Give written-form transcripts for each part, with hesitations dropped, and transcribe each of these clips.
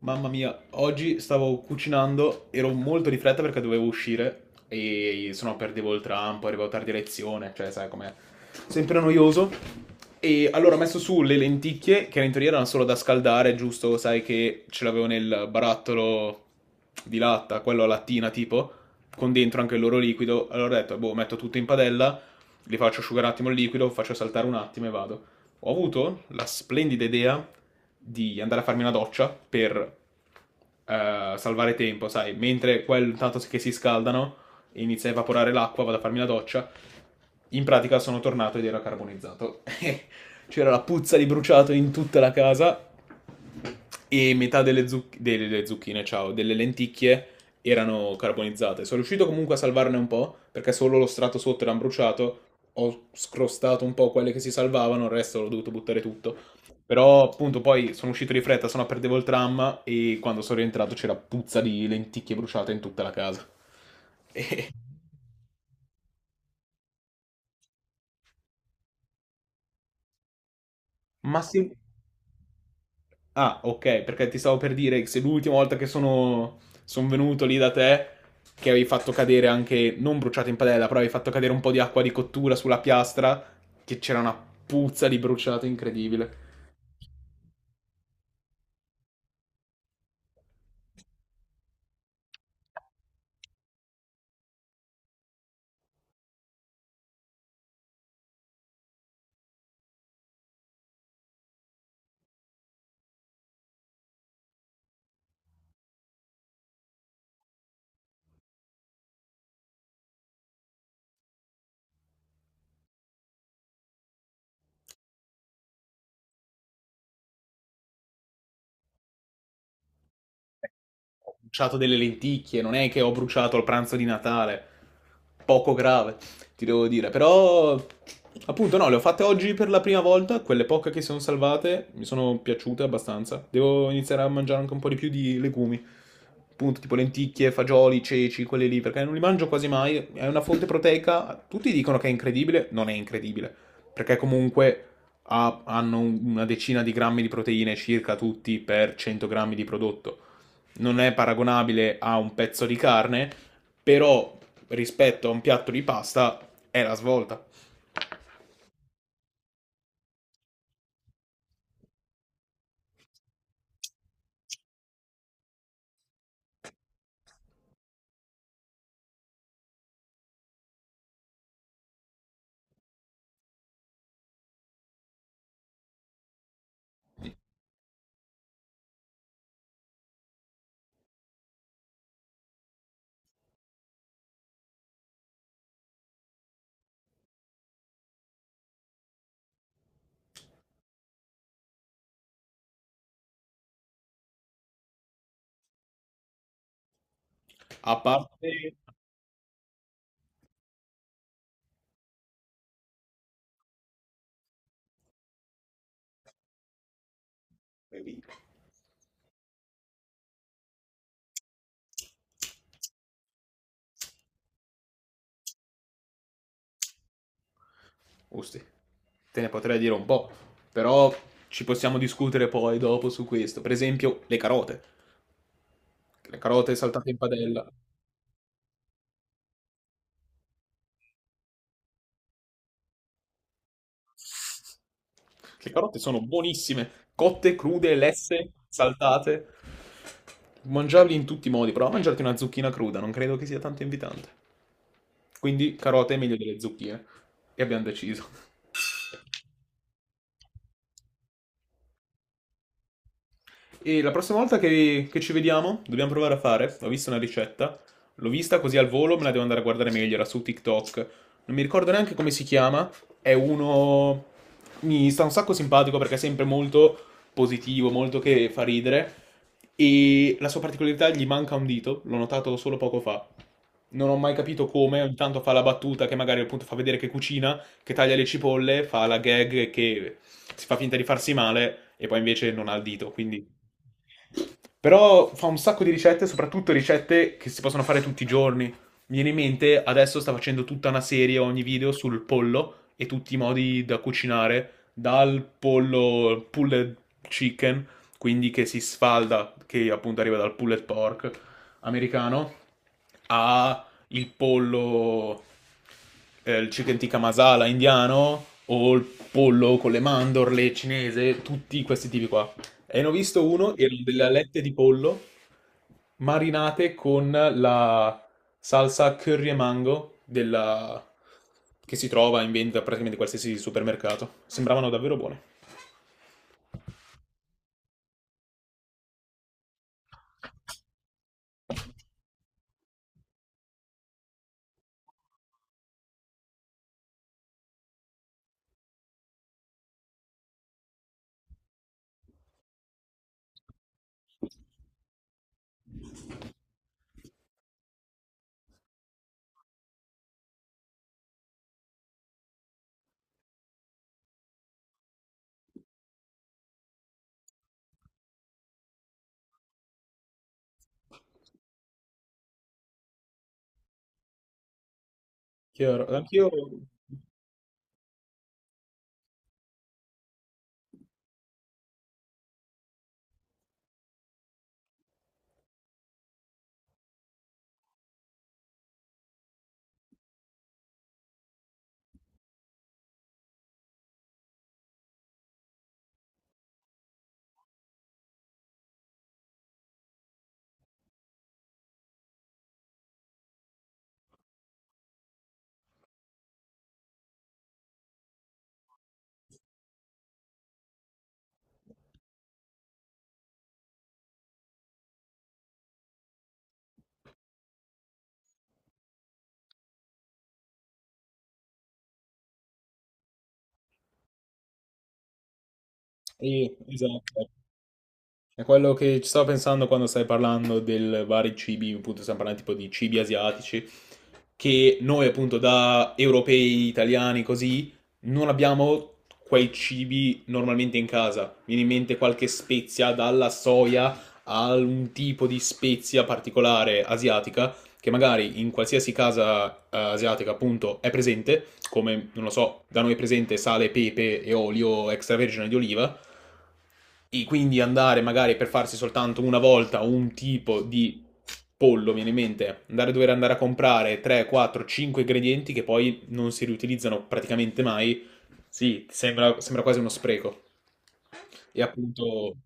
Mamma mia, oggi stavo cucinando, ero molto di fretta perché dovevo uscire e se no perdevo il tram, poi arrivavo tardi a lezione, cioè sai com'è, sempre noioso. E allora ho messo su le lenticchie, che in teoria erano solo da scaldare, giusto, sai che ce l'avevo nel barattolo di latta, quello a lattina tipo, con dentro anche il loro liquido. Allora ho detto, boh, metto tutto in padella, li faccio asciugare un attimo il liquido, faccio saltare un attimo e vado. Ho avuto la splendida idea di andare a farmi una doccia per salvare tempo, sai, mentre quel tanto che si scaldano e inizia a evaporare l'acqua, vado a farmi la doccia. In pratica sono tornato ed era carbonizzato. C'era la puzza di bruciato in tutta la casa e metà delle zucchine, ciao, delle lenticchie erano carbonizzate. Sono riuscito comunque a salvarne un po', perché solo lo strato sotto era bruciato, ho scrostato un po' quelle che si salvavano, il resto l'ho dovuto buttare tutto. Però appunto poi sono uscito di fretta, sennò perdevo il tram e quando sono rientrato c'era puzza di lenticchie bruciate in tutta la casa. Ma sì. Ah, ok, perché ti stavo per dire che se l'ultima volta che son venuto lì da te, che avevi fatto cadere anche, non bruciato in padella, però avevi fatto cadere un po' di acqua di cottura sulla piastra, che c'era una puzza di bruciato incredibile. Ho bruciato delle lenticchie, non è che ho bruciato il pranzo di Natale. Poco grave, ti devo dire. Però, appunto, no, le ho fatte oggi per la prima volta. Quelle poche che si sono salvate mi sono piaciute abbastanza. Devo iniziare a mangiare anche un po' di più di legumi. Appunto, tipo lenticchie, fagioli, ceci, quelli lì, perché non li mangio quasi mai. È una fonte proteica. Tutti dicono che è incredibile. Non è incredibile, perché comunque hanno una decina di grammi di proteine circa tutti per 100 grammi di prodotto, non è paragonabile a un pezzo di carne, però rispetto a un piatto di pasta è la svolta. A parte... Usti, te ne potrei dire un po', però ci possiamo discutere poi dopo su questo. Per esempio, le carote. Le carote saltate in padella. Le carote sono buonissime, cotte, crude, lesse, saltate. Mangiarli in tutti i modi, prova a mangiarti una zucchina cruda, non credo che sia tanto invitante. Quindi carote è meglio delle zucchine. E abbiamo deciso. E la prossima volta che ci vediamo, dobbiamo provare a fare. Ho visto una ricetta. L'ho vista così al volo, me la devo andare a guardare meglio. Era su TikTok. Non mi ricordo neanche come si chiama. È uno. Mi sta un sacco simpatico perché è sempre molto positivo, molto che fa ridere. E la sua particolarità, gli manca un dito. L'ho notato solo poco fa. Non ho mai capito come. Ogni tanto fa la battuta che magari appunto fa vedere che cucina, che taglia le cipolle, fa la gag che si fa finta di farsi male e poi invece non ha il dito. Quindi però fa un sacco di ricette, soprattutto ricette che si possono fare tutti i giorni. Mi viene in mente, adesso sta facendo tutta una serie, ogni video sul pollo e tutti i modi da cucinare, dal pollo pulled chicken, quindi che si sfalda, che appunto arriva dal pulled pork americano, a il pollo, il chicken tikka masala indiano o il pollo con le mandorle cinese, tutti questi tipi qua. E ne ho visto uno, erano delle alette di pollo marinate con la salsa curry e mango che si trova in vendita praticamente in qualsiasi supermercato. Sembravano davvero buone. Chiaro, anch'io... esatto. È quello che ci stavo pensando quando stai parlando del vari cibi, appunto stiamo parlando tipo di cibi asiatici, che noi appunto da europei, italiani, così, non abbiamo quei cibi normalmente in casa. Mi viene in mente qualche spezia, dalla soia a un tipo di spezia particolare asiatica, che magari in qualsiasi casa asiatica appunto è presente, come, non lo so, da noi è presente sale, pepe e olio extravergine di oliva, e quindi andare magari per farsi soltanto una volta un tipo di pollo, viene in mente, andare a dover andare a comprare 3, 4, 5 ingredienti che poi non si riutilizzano praticamente mai, sì, sembra, sembra quasi uno spreco. E appunto...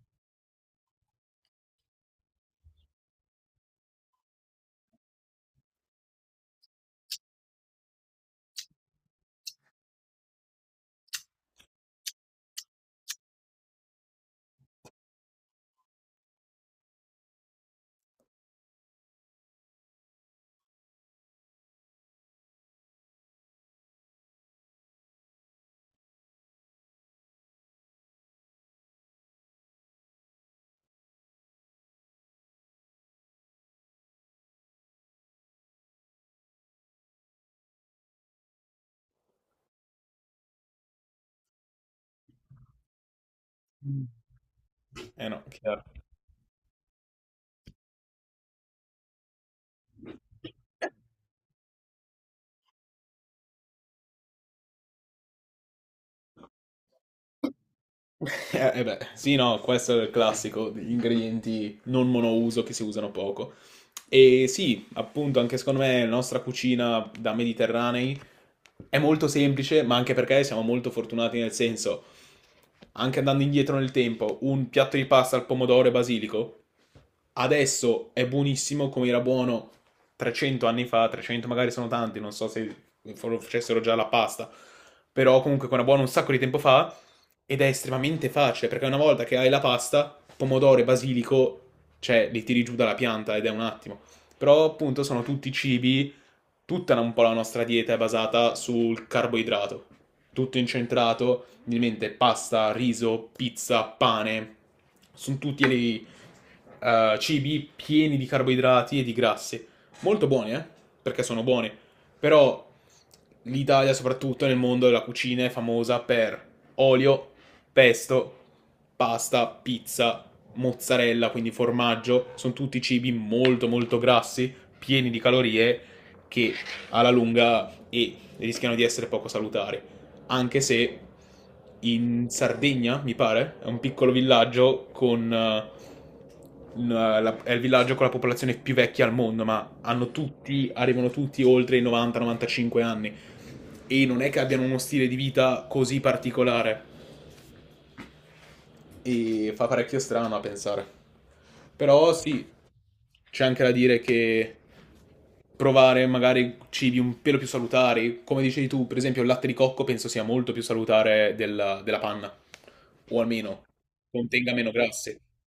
Eh no, chiaro. Eh beh, sì, no, questo è il classico degli ingredienti non monouso che si usano poco. E sì, appunto, anche secondo me la nostra cucina da mediterranei è molto semplice, ma anche perché siamo molto fortunati nel senso, anche andando indietro nel tempo, un piatto di pasta al pomodoro e basilico adesso è buonissimo come era buono 300 anni fa, 300 magari sono tanti, non so se lo facessero già la pasta, però comunque era buono un sacco di tempo fa ed è estremamente facile perché una volta che hai la pasta, pomodoro e basilico, cioè li tiri giù dalla pianta ed è un attimo. Però appunto sono tutti cibi, tutta un po' la nostra dieta è basata sul carboidrato, tutto incentrato, ovviamente pasta, riso, pizza, pane, sono tutti cibi pieni di carboidrati e di grassi. Molto buoni, eh? Perché sono buoni. Però l'Italia, soprattutto nel mondo della cucina, è famosa per olio, pesto, pasta, pizza, mozzarella, quindi formaggio. Sono tutti cibi molto molto grassi, pieni di calorie, che alla lunga e rischiano di essere poco salutari anche se in Sardegna, mi pare, è un piccolo villaggio è il villaggio con la popolazione più vecchia al mondo, ma hanno tutti, arrivano tutti oltre i 90-95 anni e non è che abbiano uno stile di vita così particolare e fa parecchio strano a pensare. Però sì, c'è anche da dire che provare magari cibi un pelo più salutari. Come dicevi tu, per esempio, il latte di cocco penso sia molto più salutare della, della panna, o almeno contenga meno grassi.